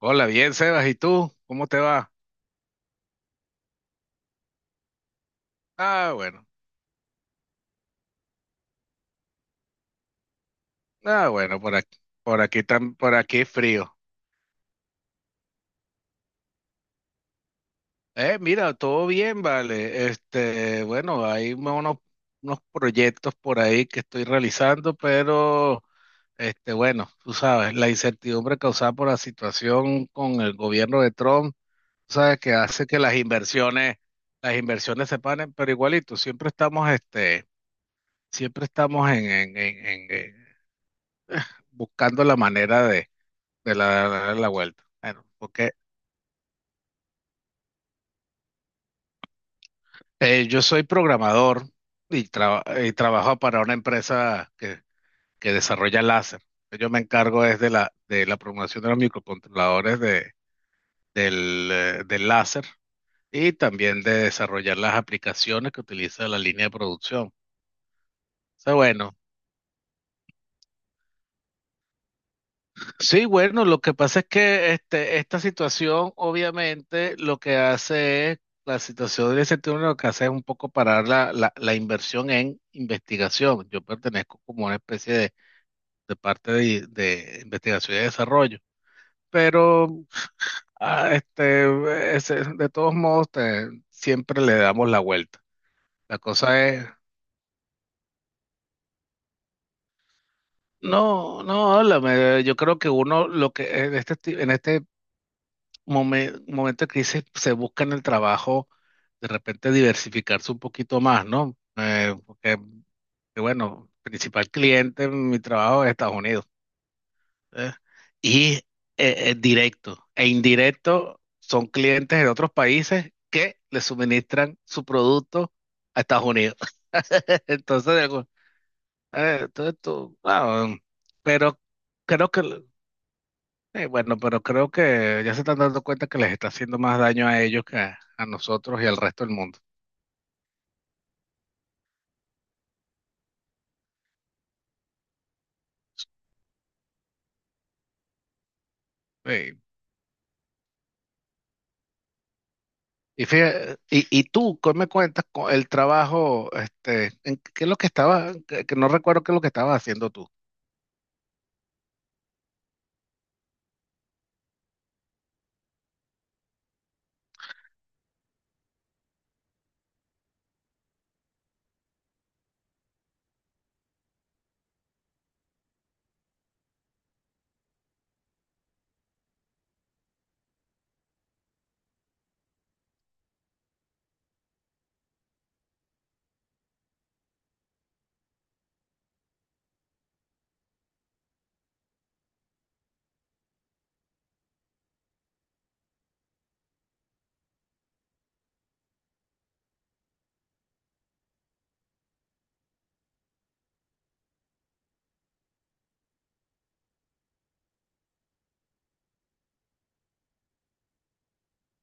Hola, bien, Sebas, ¿y tú? ¿Cómo te va? Ah, bueno, ah, bueno, por aquí, por aquí frío. Mira, todo bien, vale. Este, bueno, hay unos proyectos por ahí que estoy realizando, pero, este, bueno, tú sabes, la incertidumbre causada por la situación con el gobierno de Trump, tú sabes, que hace que las inversiones se paren, pero igualito, siempre estamos, este, siempre estamos en buscando la manera de la vuelta. Bueno, porque yo soy programador y trabajo para una empresa que desarrolla láser. Yo me encargo es de de la programación de los microcontroladores del láser y también de desarrollar las aplicaciones que utiliza la línea de producción. O sea, bueno, sí, bueno, lo que pasa es que este, esta situación, obviamente, lo que hace es, la situación del ese turno lo que hace es un poco parar la inversión en investigación. Yo pertenezco como una especie de parte de investigación y desarrollo. Pero este, de todos modos, siempre le damos la vuelta. La cosa es, no, no, háblame. Yo creo que uno, lo que en en este momento de crisis se busca en el trabajo de repente diversificarse un poquito más, ¿no? Porque, que bueno, principal cliente en mi trabajo es Estados Unidos. ¿Eh? Y directo e indirecto son clientes de otros países que le suministran su producto a Estados Unidos. Entonces, entonces pero creo que bueno, pero creo que ya se están dando cuenta que les está haciendo más daño a ellos que a nosotros y al resto del mundo. Sí. Y, fíjate, y tú, ¿qué me cuentas con el trabajo? Este, en, ¿qué es lo que estaba? Que no recuerdo qué es lo que estabas haciendo tú.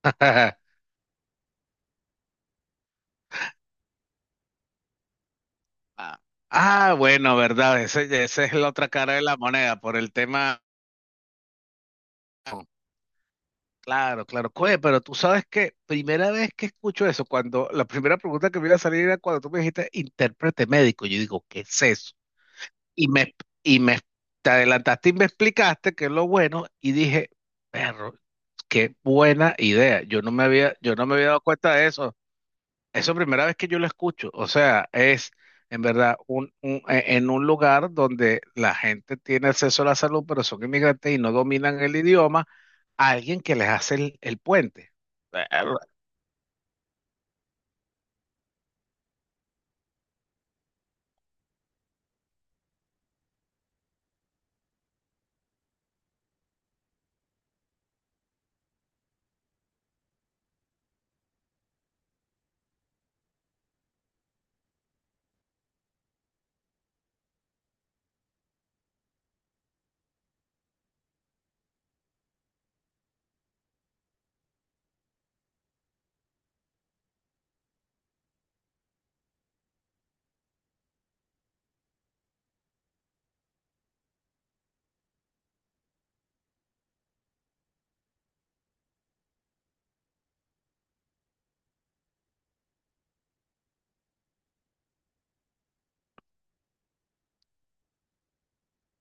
Ah, ah, bueno, verdad, ese, esa es la otra cara de la moneda por el tema. Claro, claro. Cue, pero tú sabes que primera vez que escucho eso, cuando la primera pregunta que me iba a salir era cuando tú me dijiste intérprete médico, yo digo, ¿qué es eso? Y me, y me te adelantaste y me explicaste qué es lo bueno y dije, perro, qué buena idea. Yo no me había dado cuenta de eso. Eso es primera vez que yo lo escucho. O sea, es en verdad en un lugar donde la gente tiene acceso a la salud, pero son inmigrantes y no dominan el idioma, alguien que les hace el puente. Perro,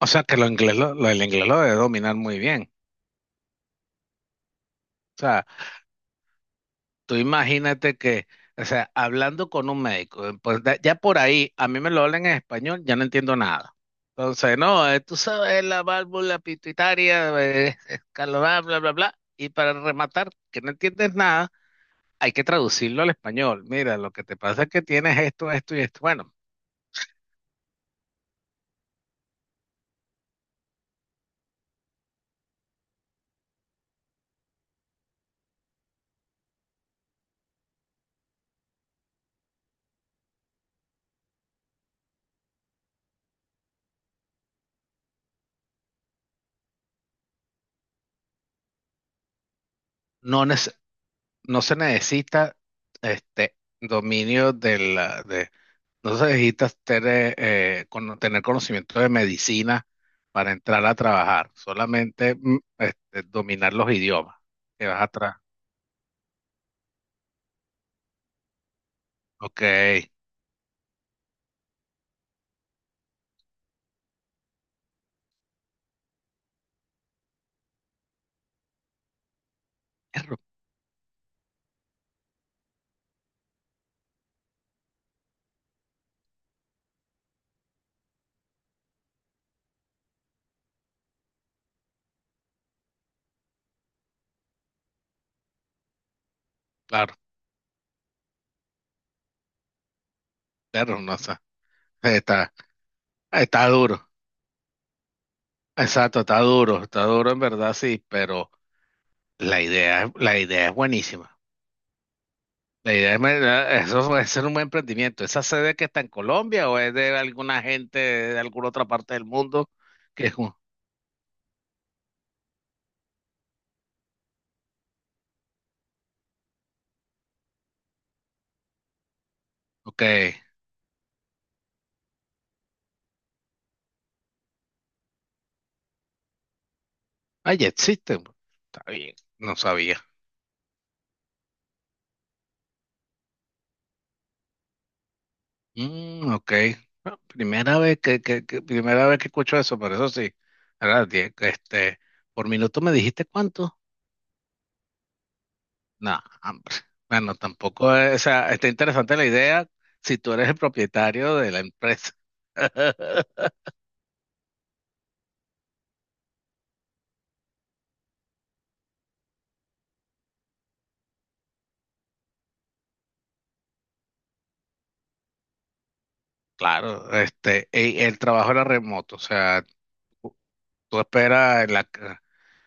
o sea, que lo inglés lo- el inglés lo debe dominar muy bien. O sea, tú imagínate que, o sea, hablando con un médico, ya por ahí, a mí me lo hablan en español, ya no entiendo nada. Entonces, no, tú sabes, la válvula pituitaria, escalonada, bla, bla, bla. Y para rematar, que no entiendes nada, hay que traducirlo al español. Mira, lo que te pasa es que tienes esto, esto y esto. Bueno, no, nece- no se necesita este dominio del. Entonces necesitas tener, tener conocimiento de medicina para entrar a trabajar, solamente este, dominar los idiomas que vas atrás. Ok, perro, claro, perro, no sé. Está, está duro, exacto, está duro en verdad, sí, pero la idea es buenísima. La idea es, me- Eso puede ser un buen emprendimiento. ¿Esa sede que está en Colombia o es de alguna gente de alguna otra parte del mundo? Que es un- ok. Ah, ya existen. Está bien, no sabía. Mm, ok. Bueno, primera vez primera vez que escucho eso, pero eso sí. Este, por minuto me dijiste cuánto. No, hombre. Bueno, tampoco, o sea, está interesante la idea si tú eres el propietario de la empresa. Claro, este, el trabajo era remoto, o sea, tú tú esperas en la,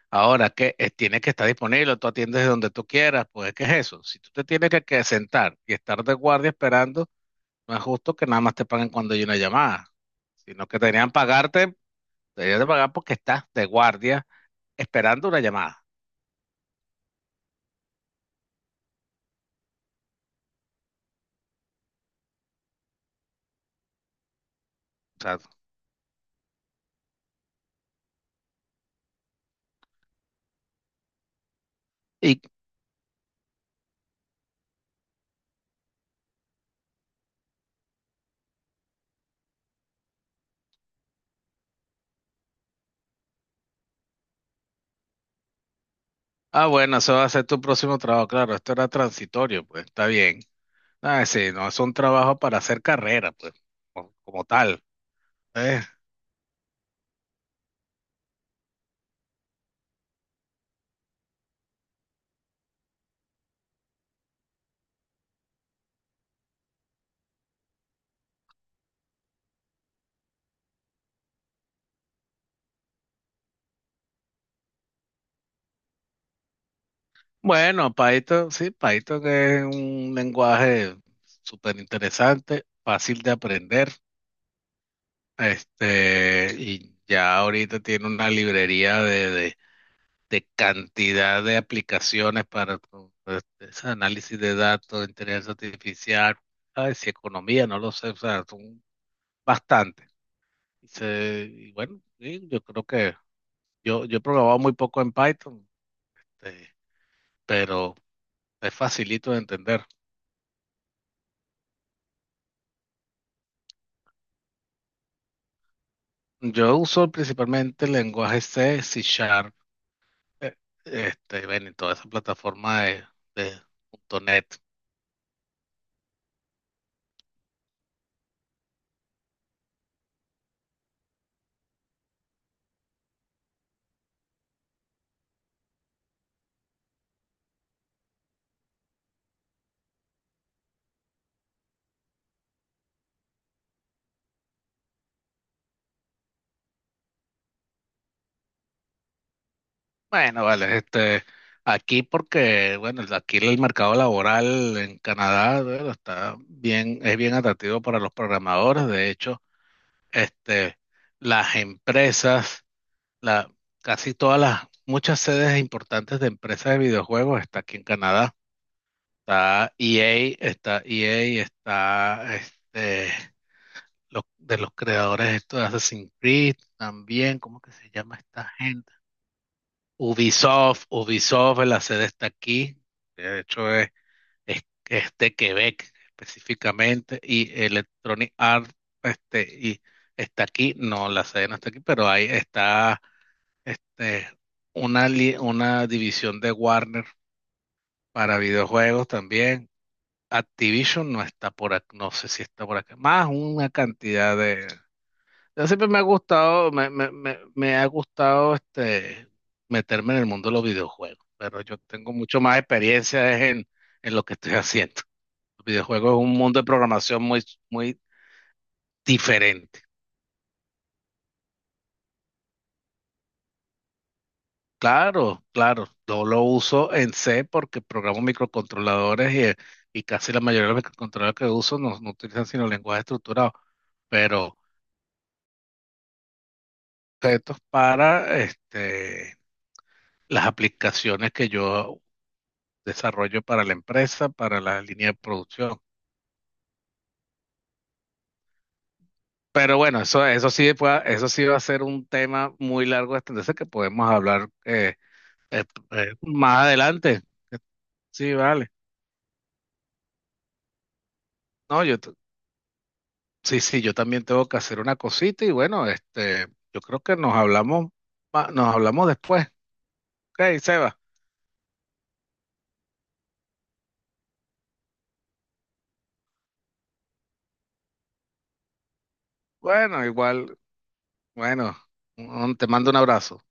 ahora que tiene que estar disponible, tú atiendes de donde tú quieras, pues ¿qué es eso? Si tú te tienes que sentar y estar de guardia esperando, no es justo que nada más te paguen cuando hay una llamada, sino que deberían pagarte, deberían de pagar porque estás de guardia esperando una llamada. O sea, y, ah, bueno, eso va a ser tu próximo trabajo, claro, esto era transitorio, pues está bien. Ah, sí, no es un trabajo para hacer carrera, pues, como, como tal. Bueno, Python, sí, Python es un lenguaje súper interesante, fácil de aprender, este, y ya ahorita tiene una librería de cantidad de aplicaciones para este, ese análisis de datos, inteligencia artificial, ay, si economía, no lo sé, o sea, son bastantes. Y bueno, sí, yo creo que yo he programado muy poco en Python, eh, pero es facilito de entender. Yo uso principalmente el lenguaje C, C Sharp, eh, este, ven, y toda esa plataforma de punto .NET. Bueno, vale, este, aquí porque, bueno, aquí el mercado laboral en Canadá, bueno, está bien, es bien atractivo para los programadores. De hecho, este, las empresas, la, casi todas las, muchas sedes importantes de empresas de videojuegos está aquí en Canadá. Está EA, está EA, está este. Los, de los creadores estos de Assassin's Creed, también, ¿cómo que se llama esta gente? Ubisoft, Ubisoft, la sede está aquí, de hecho es, es de Quebec específicamente, y Electronic Arts este, y está aquí, no, la sede no está aquí, pero ahí está este, una división de Warner para videojuegos también. Activision no está por aquí, no sé si está por acá, más una cantidad de, yo siempre me ha gustado, me ha gustado este, meterme en el mundo de los videojuegos, pero yo tengo mucho más experiencia es en lo que estoy haciendo. Los videojuegos es un mundo de programación muy, muy diferente. Claro, claro, yo lo uso en C porque programo microcontroladores y casi la mayoría de los microcontroladores que uso no, no utilizan sino lenguaje estructurado, pero esto es para este, las aplicaciones que yo desarrollo para la empresa, para la línea de producción. Pero bueno, eso sí, eso sí va a ser un tema muy largo de extenderse que podemos hablar eh, más adelante. Sí, vale. No, sí, sí, yo también tengo que hacer una cosita y bueno, este, yo creo que nos hablamos después. Ok, Seba. Bueno, igual, bueno, te mando un abrazo.